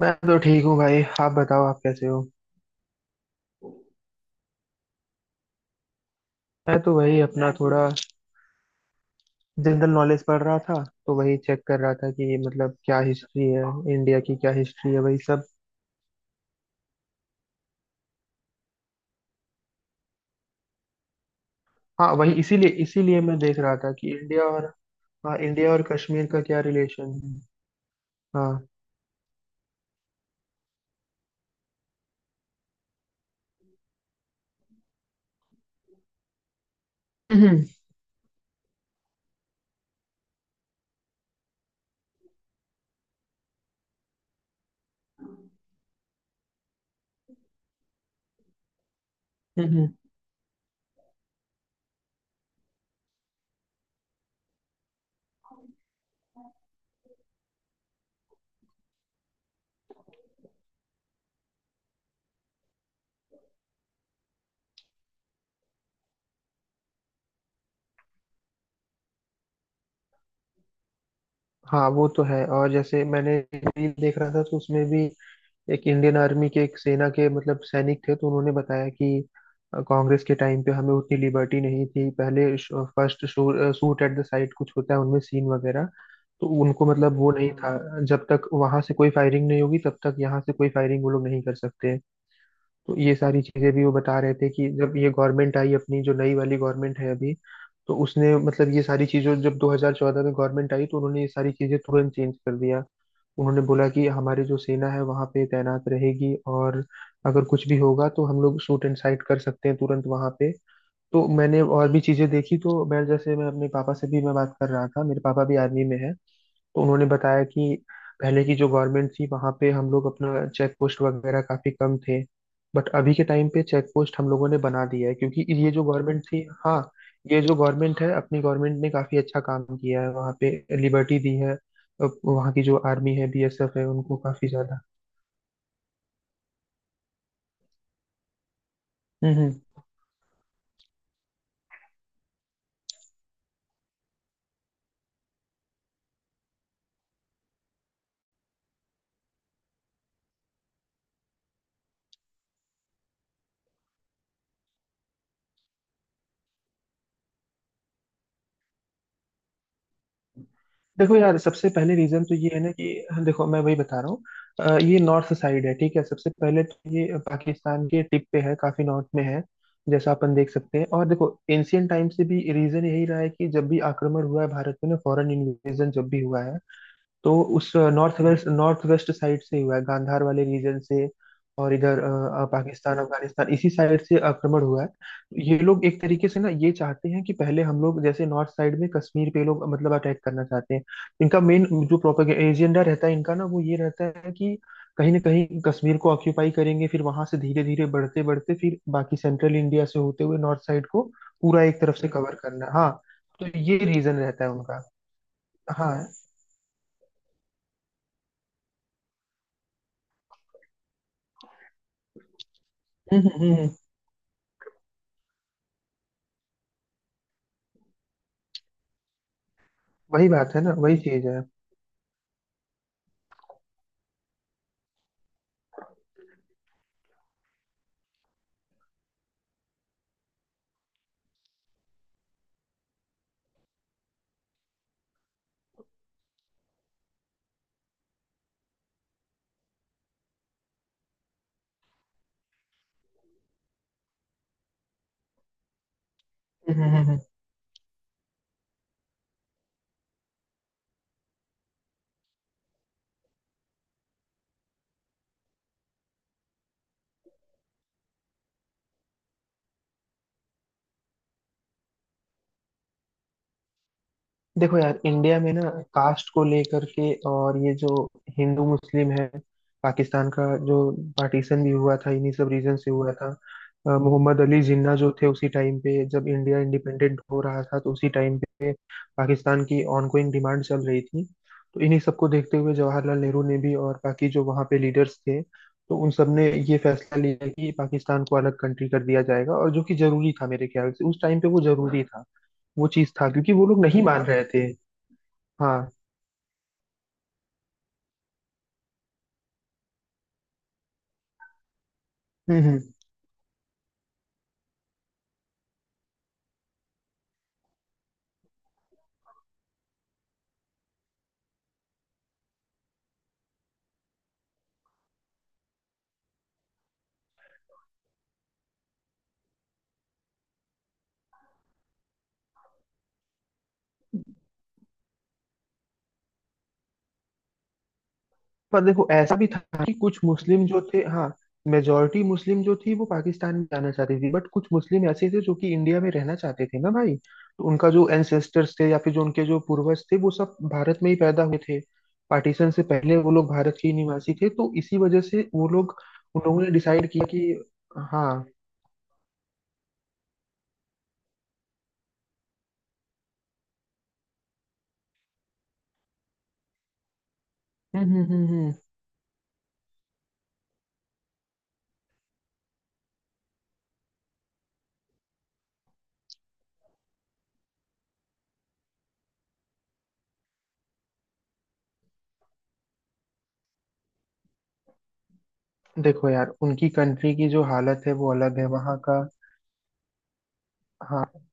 मैं तो ठीक हूँ भाई। आप बताओ, आप कैसे हो। मैं तो वही अपना मैं थोड़ा जनरल नॉलेज पढ़ रहा था। तो वही चेक कर रहा था कि क्या हिस्ट्री है, इंडिया की क्या हिस्ट्री है, वही सब। हाँ, वही इसीलिए इसीलिए मैं देख रहा था कि इंडिया और। हाँ, इंडिया और कश्मीर का क्या रिलेशन है। हाँ। हम्म। हम्म। हाँ, वो तो है। और जैसे मैंने रील देख रहा था तो उसमें भी एक इंडियन आर्मी के, एक सेना के सैनिक थे, तो उन्होंने बताया कि कांग्रेस के टाइम पे हमें उतनी लिबर्टी नहीं थी पहले। First shoot at the sight कुछ होता है उनमें, सीन वगैरह। तो उनको मतलब वो नहीं था, जब तक वहां से कोई फायरिंग नहीं होगी तब तक यहाँ से कोई फायरिंग वो लोग नहीं कर सकते। तो ये सारी चीजें भी वो बता रहे थे कि जब ये गवर्नमेंट आई, अपनी जो नई वाली गवर्नमेंट है अभी, तो उसने ये सारी चीजों, जब 2014 में गवर्नमेंट आई तो उन्होंने ये सारी चीजें तुरंत चेंज कर दिया। उन्होंने बोला कि हमारी जो सेना है वहां पे तैनात रहेगी, और अगर कुछ भी होगा तो हम लोग शूट एंड साइट कर सकते हैं तुरंत वहां पे। तो मैंने और भी चीजें देखी। तो मैं जैसे मैं अपने पापा से भी मैं बात कर रहा था, मेरे पापा भी आर्मी में है। तो उन्होंने बताया कि पहले की जो गवर्नमेंट थी वहां पे हम लोग अपना चेक पोस्ट वगैरह काफी कम थे। बट अभी के टाइम पे चेक पोस्ट हम लोगों ने बना दिया है, क्योंकि ये जो गवर्नमेंट थी। हाँ, ये जो गवर्नमेंट है अपनी, गवर्नमेंट ने काफी अच्छा काम किया है वहाँ पे। लिबर्टी दी है अब वहाँ की जो आर्मी है, बीएसएफ है, उनको काफी ज्यादा। हम्म। हम्म। देखो यार, सबसे पहले रीजन तो ये है ना कि, देखो मैं वही बता रहा हूँ। ये नॉर्थ साइड है ठीक है, सबसे पहले तो ये पाकिस्तान के टिप पे है, काफी नॉर्थ में है जैसा अपन देख सकते हैं। और देखो एंशियंट टाइम से भी रीजन यही रहा है कि जब भी आक्रमण हुआ है भारत में ना, फॉरेन इन्वेजन जब भी हुआ है तो उस नॉर्थ वेस्ट साइड से ही हुआ है, गांधार वाले रीजन से। और इधर पाकिस्तान, अफगानिस्तान इसी साइड से आक्रमण हुआ है। तो ये लोग एक तरीके से ना, ये चाहते हैं कि पहले हम लोग जैसे नॉर्थ साइड में कश्मीर पे ये लोग अटैक करना चाहते हैं। इनका मेन जो प्रोपेगेंडा एजेंडा रहता है इनका ना, वो ये रहता है कि कहीं ना कहीं कश्मीर को ऑक्यूपाई करेंगे, फिर वहां से धीरे धीरे बढ़ते बढ़ते फिर बाकी सेंट्रल इंडिया से होते हुए नॉर्थ साइड को पूरा एक तरफ से कवर करना। हाँ, तो ये रीजन रहता है उनका। हाँ, वही बात है ना, वही चीज है। हम्म। देखो यार, इंडिया में ना कास्ट को लेकर के और ये जो हिंदू मुस्लिम है, पाकिस्तान का जो पार्टीशन भी हुआ था इन्हीं सब रीजन से हुआ था। मोहम्मद अली जिन्ना जो थे, उसी टाइम पे जब इंडिया इंडिपेंडेंट हो रहा था तो उसी टाइम पे पाकिस्तान की ऑनगोइंग डिमांड चल रही थी। तो इन्हीं सबको देखते हुए जवाहरलाल नेहरू ने भी और बाकी जो वहाँ पे लीडर्स थे, तो उन सब ने ये फैसला लिया कि पाकिस्तान को अलग कंट्री कर दिया जाएगा। और जो कि जरूरी था मेरे ख्याल से, उस टाइम पे वो जरूरी था। वो चीज था क्योंकि वो लोग नहीं मान रहे थे। हाँ। हम्म। हम्म। पर देखो ऐसा भी था कि कुछ मुस्लिम जो थे, हाँ, मेजोरिटी मुस्लिम जो थी वो पाकिस्तान में जाना चाहती थी, बट कुछ मुस्लिम ऐसे थे जो कि इंडिया में रहना चाहते थे ना भाई। तो उनका जो एंसेस्टर्स थे या फिर जो उनके जो पूर्वज थे वो सब भारत में ही पैदा हुए थे, पार्टीशन से पहले वो लोग भारत के ही निवासी थे। तो इसी वजह से वो लोग, उन लोगों ने डिसाइड किया कि। हाँ। हम्म हम्म हम्म हम्म। देखो यार, उनकी कंट्री की जो हालत है वो अलग है वहाँ का। हाँ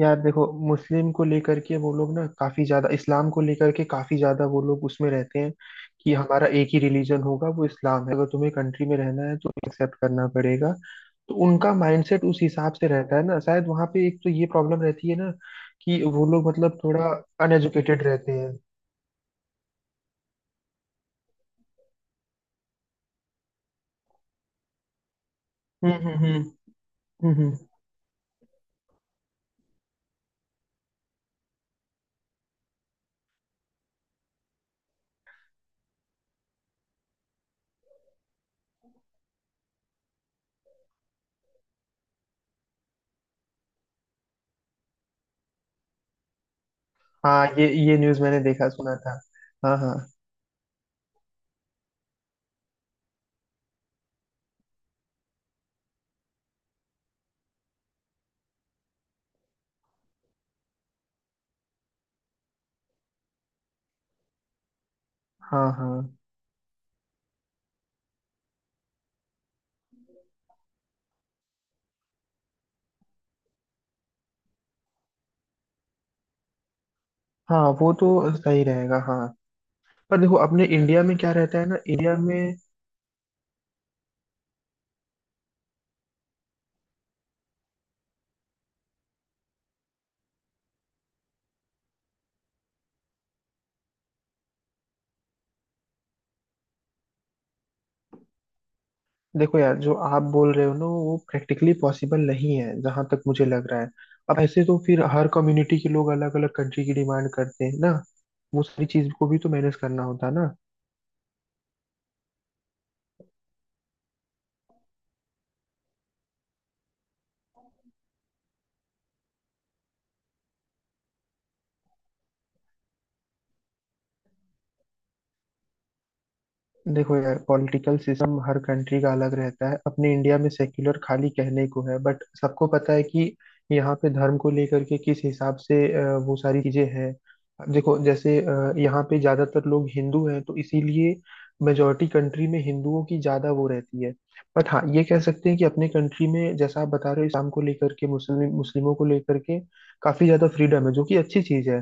यार, देखो मुस्लिम को लेकर के वो लोग ना काफी ज्यादा इस्लाम को लेकर के, काफी ज्यादा वो लोग उसमें रहते हैं कि हमारा एक ही रिलीजन होगा, वो इस्लाम है। अगर तुम्हें कंट्री में रहना है तो एक्सेप्ट करना पड़ेगा। तो उनका माइंडसेट उस हिसाब से रहता है ना शायद। वहां पे एक तो ये प्रॉब्लम रहती है ना कि वो लोग थोड़ा अनएजुकेटेड रहते हैं। हम्म। हम्म, हम्म। हाँ, ये न्यूज मैंने देखा, सुना था। हाँ, हाँ। हाँ, हाँ। हाँ, वो तो सही रहेगा। हाँ, पर देखो अपने इंडिया में क्या रहता है ना, इंडिया में, देखो यार जो आप बोल रहे हो ना वो प्रैक्टिकली पॉसिबल नहीं है जहां तक मुझे लग रहा है। अब ऐसे तो फिर हर कम्युनिटी के लोग अलग अलग कंट्री की डिमांड करते हैं ना। वो सारी चीज को भी तो मैनेज करना होता है ना। देखो यार, पॉलिटिकल सिस्टम हर कंट्री का अलग रहता है। अपने इंडिया में सेक्युलर खाली कहने को है, बट सबको पता है कि यहाँ पे धर्म को लेकर के किस हिसाब से वो सारी चीजें हैं। अब देखो जैसे यहाँ पे ज्यादातर लोग हिंदू हैं तो इसीलिए मेजोरिटी कंट्री में हिंदुओं की ज्यादा वो रहती है। बट हाँ, ये कह सकते हैं कि अपने कंट्री में जैसा आप बता रहे हो इस्लाम को लेकर के, मुस्लिमों को लेकर के काफी ज्यादा फ्रीडम है, जो कि अच्छी चीज है।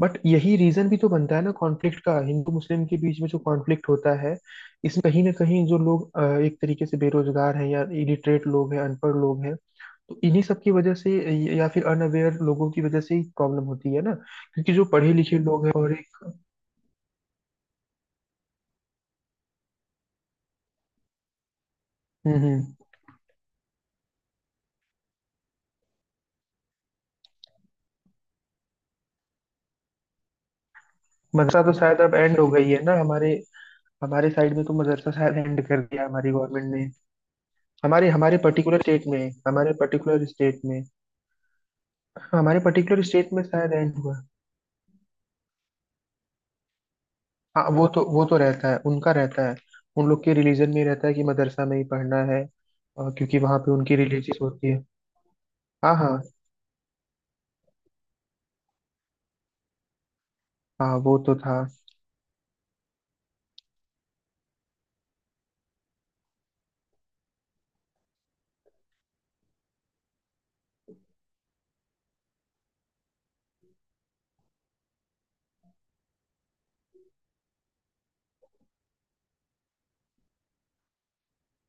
बट यही रीजन भी तो बनता है ना कॉन्फ्लिक्ट का, हिंदू मुस्लिम के बीच में जो कॉन्फ्लिक्ट होता है इसमें कहीं ना कहीं जो लोग एक तरीके से बेरोजगार हैं या इलिटरेट लोग हैं, अनपढ़ लोग हैं, तो इन्हीं सब की वजह से या फिर अनअवेयर लोगों की वजह से ही प्रॉब्लम होती है ना। क्योंकि जो पढ़े लिखे लोग हैं और एक। हम्म। हम्म। मदरसा तो शायद अब एंड हो गई है ना, हमारे, हमारे साइड में तो मदरसा शायद एंड कर दिया हमारी गवर्नमेंट ने। हमारे हमारे पर्टिकुलर स्टेट में, हमारे पर्टिकुलर स्टेट में। हाँ, हमारे पर्टिकुलर स्टेट में शायद एंड हुआ। हाँ, वो तो रहता है उनका, रहता है उन लोग के रिलीजन में रहता है कि मदरसा में ही पढ़ना है। क्योंकि वहां पे उनकी रिलीजियस होती है। हाँ, हाँ। हाँ, वो तो था।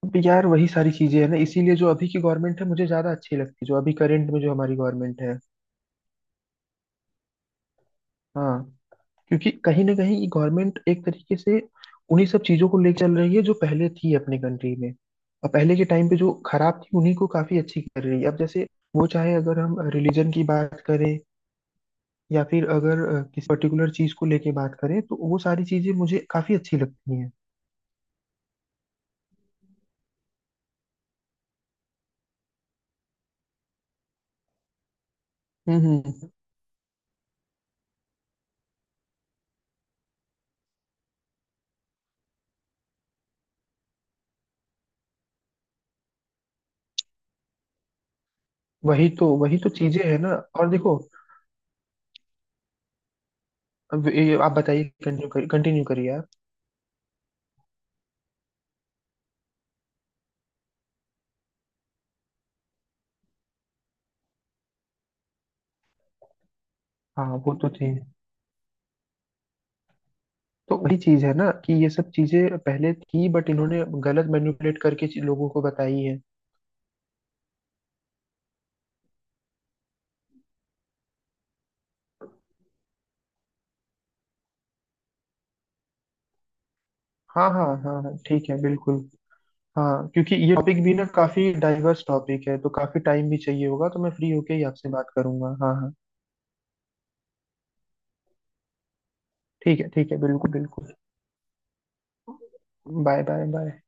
अब यार वही सारी चीजें है ना, इसीलिए जो अभी की गवर्नमेंट है मुझे ज्यादा अच्छी लगती है, जो अभी करंट में जो हमारी गवर्नमेंट है। हाँ, क्योंकि कहीं ना कहीं ये गवर्नमेंट एक तरीके से उन्हीं सब चीजों को ले चल रही है जो पहले थी अपने कंट्री में। और पहले के टाइम पे जो खराब थी उन्हीं को काफी अच्छी कर रही है। अब जैसे वो चाहे अगर हम रिलीजन की बात करें या फिर अगर किसी पर्टिकुलर चीज को लेके बात करें, तो वो सारी चीजें मुझे काफी अच्छी लगती हैं। हम्म। हम्म। वही तो चीजें हैं ना। और देखो, अब ये आप बताइए, कंटिन्यू करिए आप। हाँ, वो तो थी, तो वही चीज है ना कि ये सब चीजें पहले थी, बट इन्होंने गलत मैनिपुलेट करके लोगों को बताई है। हाँ, हाँ हाँ हाँ, ठीक है बिल्कुल। हाँ क्योंकि ये टॉपिक भी ना काफी डाइवर्स टॉपिक है, तो काफी टाइम भी चाहिए होगा, तो मैं फ्री होके ही आपसे बात करूंगा। हाँ, हाँ। ठीक है, ठीक है, बिल्कुल बिल्कुल। Bye, bye, bye.